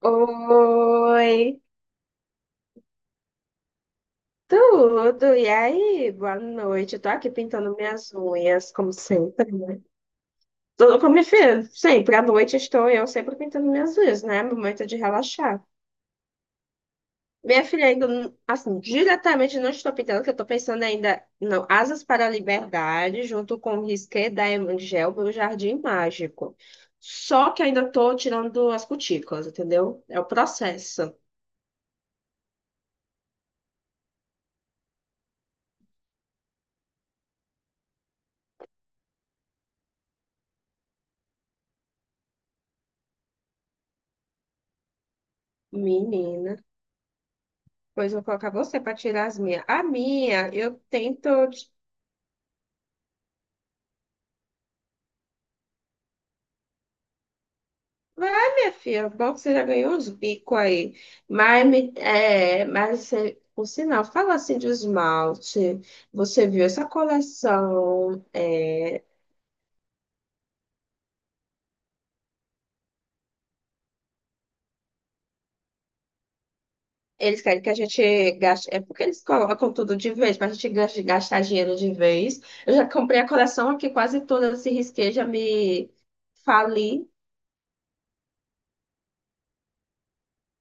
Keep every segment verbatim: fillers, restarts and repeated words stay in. Oi, tudo? E aí? Boa noite. Eu tô aqui pintando minhas unhas, como sempre, né? Tô- Como minha filha, sempre à noite estou eu sempre pintando minhas unhas, né? Momento de relaxar. Minha filha ainda, não- assim, diretamente não estou pintando, que eu tô pensando ainda no Asas para a Liberdade, junto com o Risqué da Emangel, o Jardim Mágico. Só que ainda tô tirando as cutículas, entendeu? É o processo. Menina. Pois vou colocar você para tirar as minhas. A minha, eu tento. ti- Vai, minha filha, é bom que você já ganhou uns bicos aí. Mas, me- é, mas você, por sinal, fala assim de esmalte. Você viu essa coleção? é, Eles querem que a gente gaste. É porque eles colocam tudo de vez, para a gente gas- gastar dinheiro de vez. Eu já comprei a coleção aqui, quase toda, se risquei, já me fali.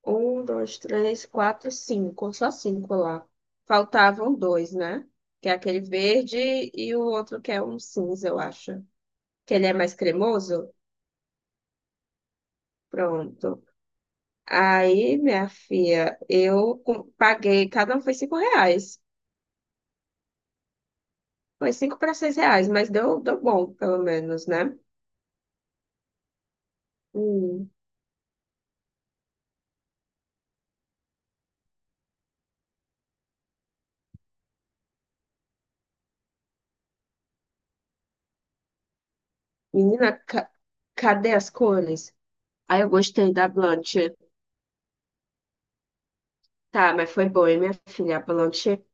Um, dois, três, quatro, cinco. Só cinco lá. Faltavam dois, né? Que é aquele verde e o outro que é um cinza, eu acho. Que ele é mais cremoso? Pronto. Aí, minha filha, eu com- paguei, cada um foi cinco reais. Foi cinco para seis reais, mas deu, deu bom, pelo menos, né? Hum. Menina, ca- cadê as cores? Aí eu gostei da Blanche. Tá, mas foi boa, hein, minha filha? A Blanche.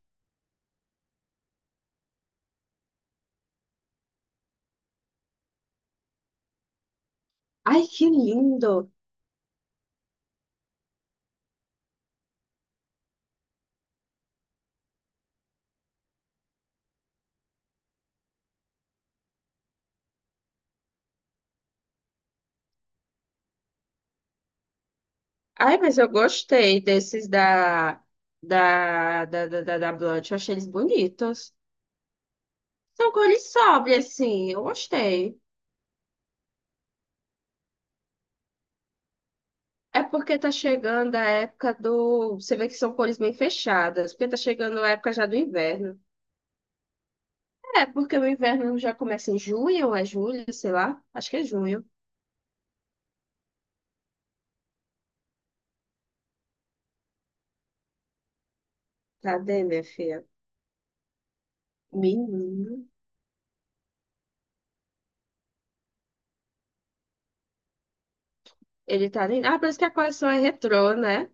Ai, que lindo! Ai, mas eu gostei desses da, da, da, da, da, da Blunt. Eu achei eles bonitos. São cores sóbrias, assim. Eu gostei. É porque tá chegando a época do... Você vê que são cores bem fechadas. Porque tá chegando a época já do inverno. É, porque o inverno já começa em junho, ou é julho, sei lá. Acho que é junho. Cadê, minha filha? Menino. Ele tá... nem- Ah, parece que a coleção é retrô, né?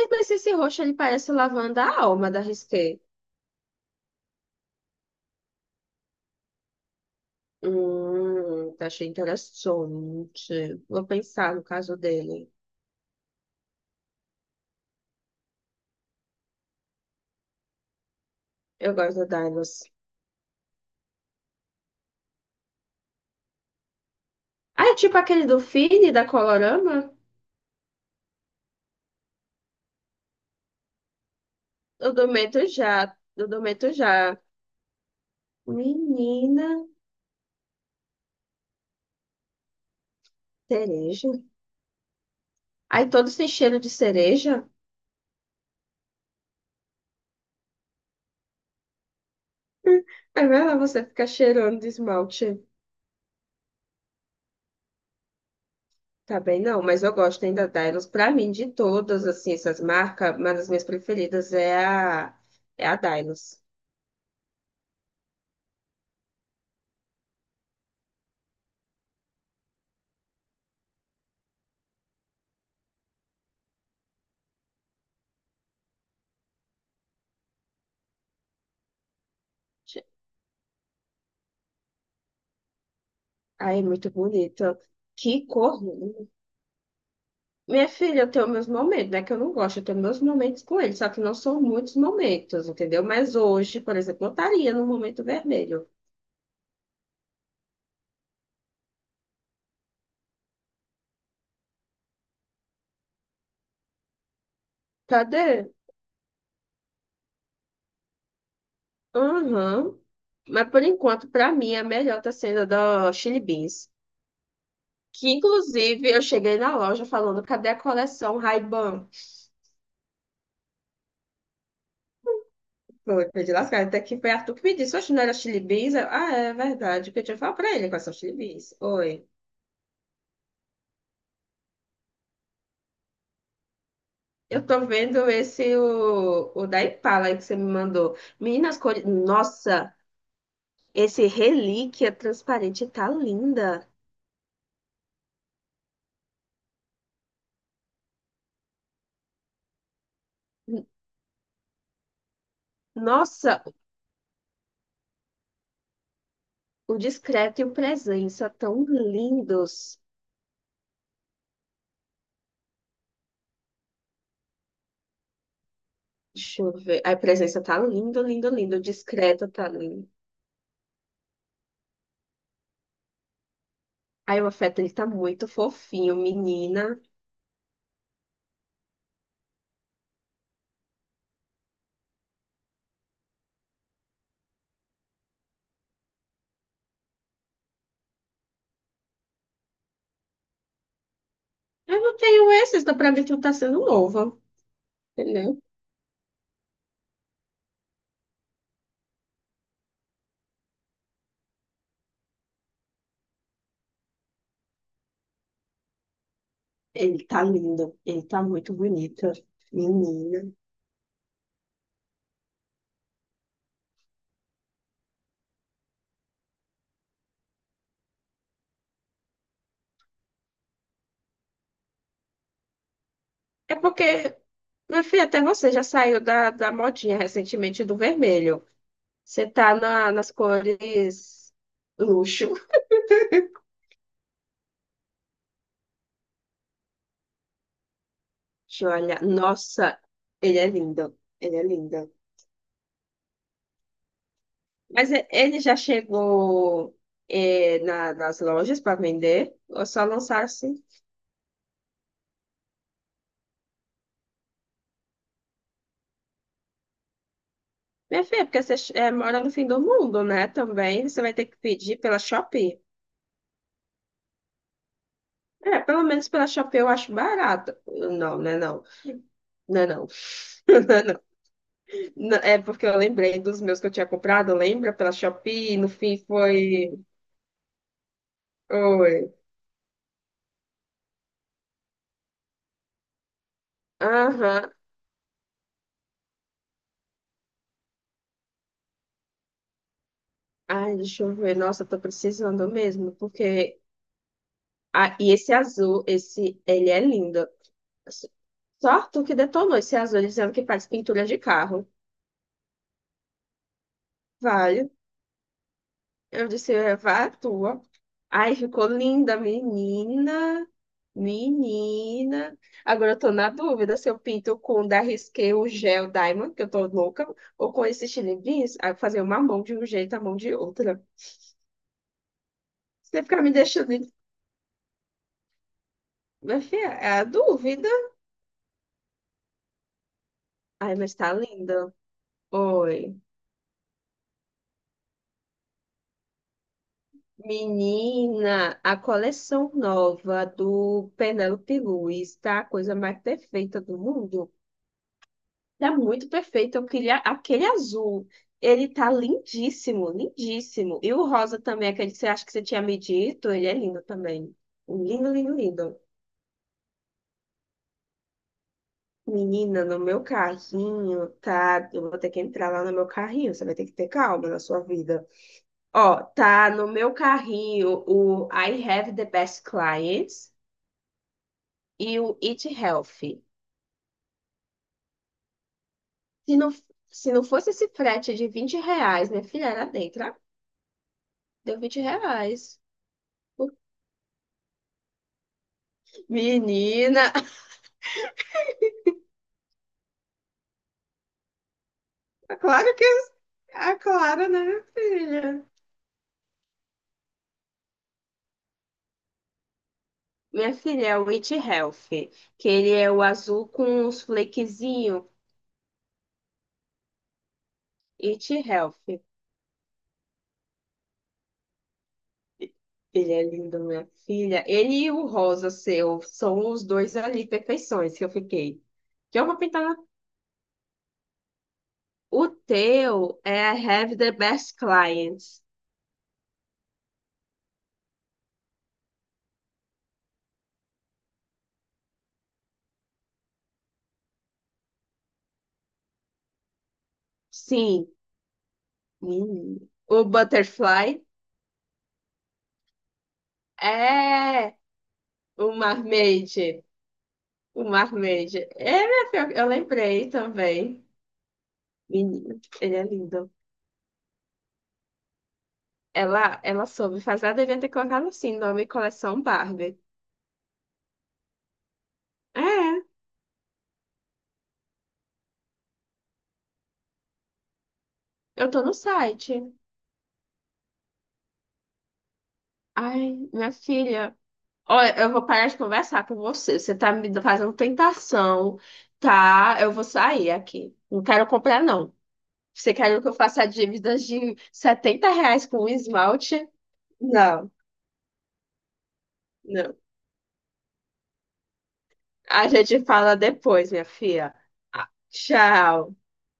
E, Mas esse roxo, ele parece o lavanda alma da Risqué. Hum, tá, achei interessante. Vou pensar no caso dele. Eu gosto da Dinos. Ah, é tipo aquele do Fini, da Colorama? Eu Dometo já. Eu Dometo já. Menina, cereja. Aí todos têm cheiro de cereja. Aí vai lá você ficar cheirando de esmalte. Tá bem, não, mas eu gosto ainda da Dylos. Pra mim, de todas assim, essas marcas, uma das minhas preferidas é a, é a Dylos. Ai, é muito bonita. Que cor! Minha filha, eu tenho meus momentos, né? Que eu não gosto, eu tenho meus momentos com ele, só que não são muitos momentos, entendeu? Mas hoje, por exemplo, eu estaria no momento vermelho. Cadê? Aham. Mas por enquanto, pra mim, a melhor tá sendo a da Chili Beans. Que inclusive eu cheguei na loja falando, cadê a coleção Ray-Ban? Foi, foi de lascar, até que foi Arthur que me disse, oxe, não era Chili Beans? Eu, ah, é verdade, porque eu tinha falado pra ele com essa Chili Beans. Oi. Eu tô vendo esse, o, o da Impala aí que você me mandou. Meninas, cores... Nossa, esse relíquia transparente tá linda. N- Nossa, o discreto e o presença tão lindos. Deixa eu ver. A presença tá lindo, lindo, lindo. O discreto tá lindo. Aí o afeto, ele tá muito fofinho, menina. Eu não tenho esse, então pra mim tudo tá sendo novo, entendeu? Ele tá lindo, ele tá muito bonito. Menina. É porque, meu filho, até você já saiu da, da modinha recentemente do vermelho. Você tá na- nas cores luxo. Deixa eu olhar. Nossa, ele é lindo. Ele é lindo. Mas e- ele já chegou eh, na- nas lojas para vender? Ou só lançaram assim? Minha filha, porque você eh, mora no fim do mundo, né? Também você vai ter que pedir pela Shopee. É, pelo menos pela Shopee eu acho barato. Não, não é não. Não é não. N- É porque eu lembrei dos meus que eu tinha comprado, lembra? Pela Shopee, no fim foi. Oi. Aham. Ai, deixa eu ver. Nossa, eu tô precisando mesmo, porque. Ah, e esse azul, esse, ele é lindo. S- Só tu que detonou esse azul, dizendo que faz pintura de carro. Vale. Eu disse, é, vá à tua. Ai ficou linda, menina. Menina. Agora eu tô na dúvida se eu pinto com da Risqué o gel Diamond, que eu tô louca, ou com esse Chili Beans, aí fazer uma mão de um jeito, a mão de outra. Você ficar me deixando. em- Minha filha, é a dúvida. Ai, mas tá linda. Oi. Menina, a coleção nova do Penélope Luiz tá a coisa mais perfeita do mundo. Tá muito perfeito. Eu queria aquele azul. Ele tá lindíssimo, lindíssimo. E o rosa também, aquele que você acha que você tinha me dito, ele é lindo também. Lindo, lindo, lindo. Menina, no meu carrinho, tá? Eu vou ter que entrar lá no meu carrinho. Você vai ter que ter calma na sua vida. Ó, tá no meu carrinho o I Have the Best Clients e o Eat Healthy. Se não, se não fosse esse frete de vinte reais, minha filha era dentro. ah, Deu vinte reais. Menina, claro que a Clara, né, filha? Minha filha é o It Health, que ele é o azul com os flequezinhos. It Health. Ele é lindo, minha filha. Ele e o rosa seu são os dois ali, perfeições que eu fiquei. Que eu vou pintar. na- O teu é I Have the Best Clients. Sim. Menina. O Butterfly é o Mermaid. O Marmejo. É, minha filha, eu lembrei também. Menino, ele é lindo. Ela, ela soube fazer, ela devia ter colocado assim, nome Coleção Barbie. É, eu tô no site. Ai, minha filha. Olha, eu vou parar de conversar com você. Você tá me fazendo tentação, tá? Eu vou sair aqui. Não quero comprar, não. Você quer que eu faça dívidas de setenta reais com um esmalte? Não, não. A gente fala depois, minha filha. Tchau.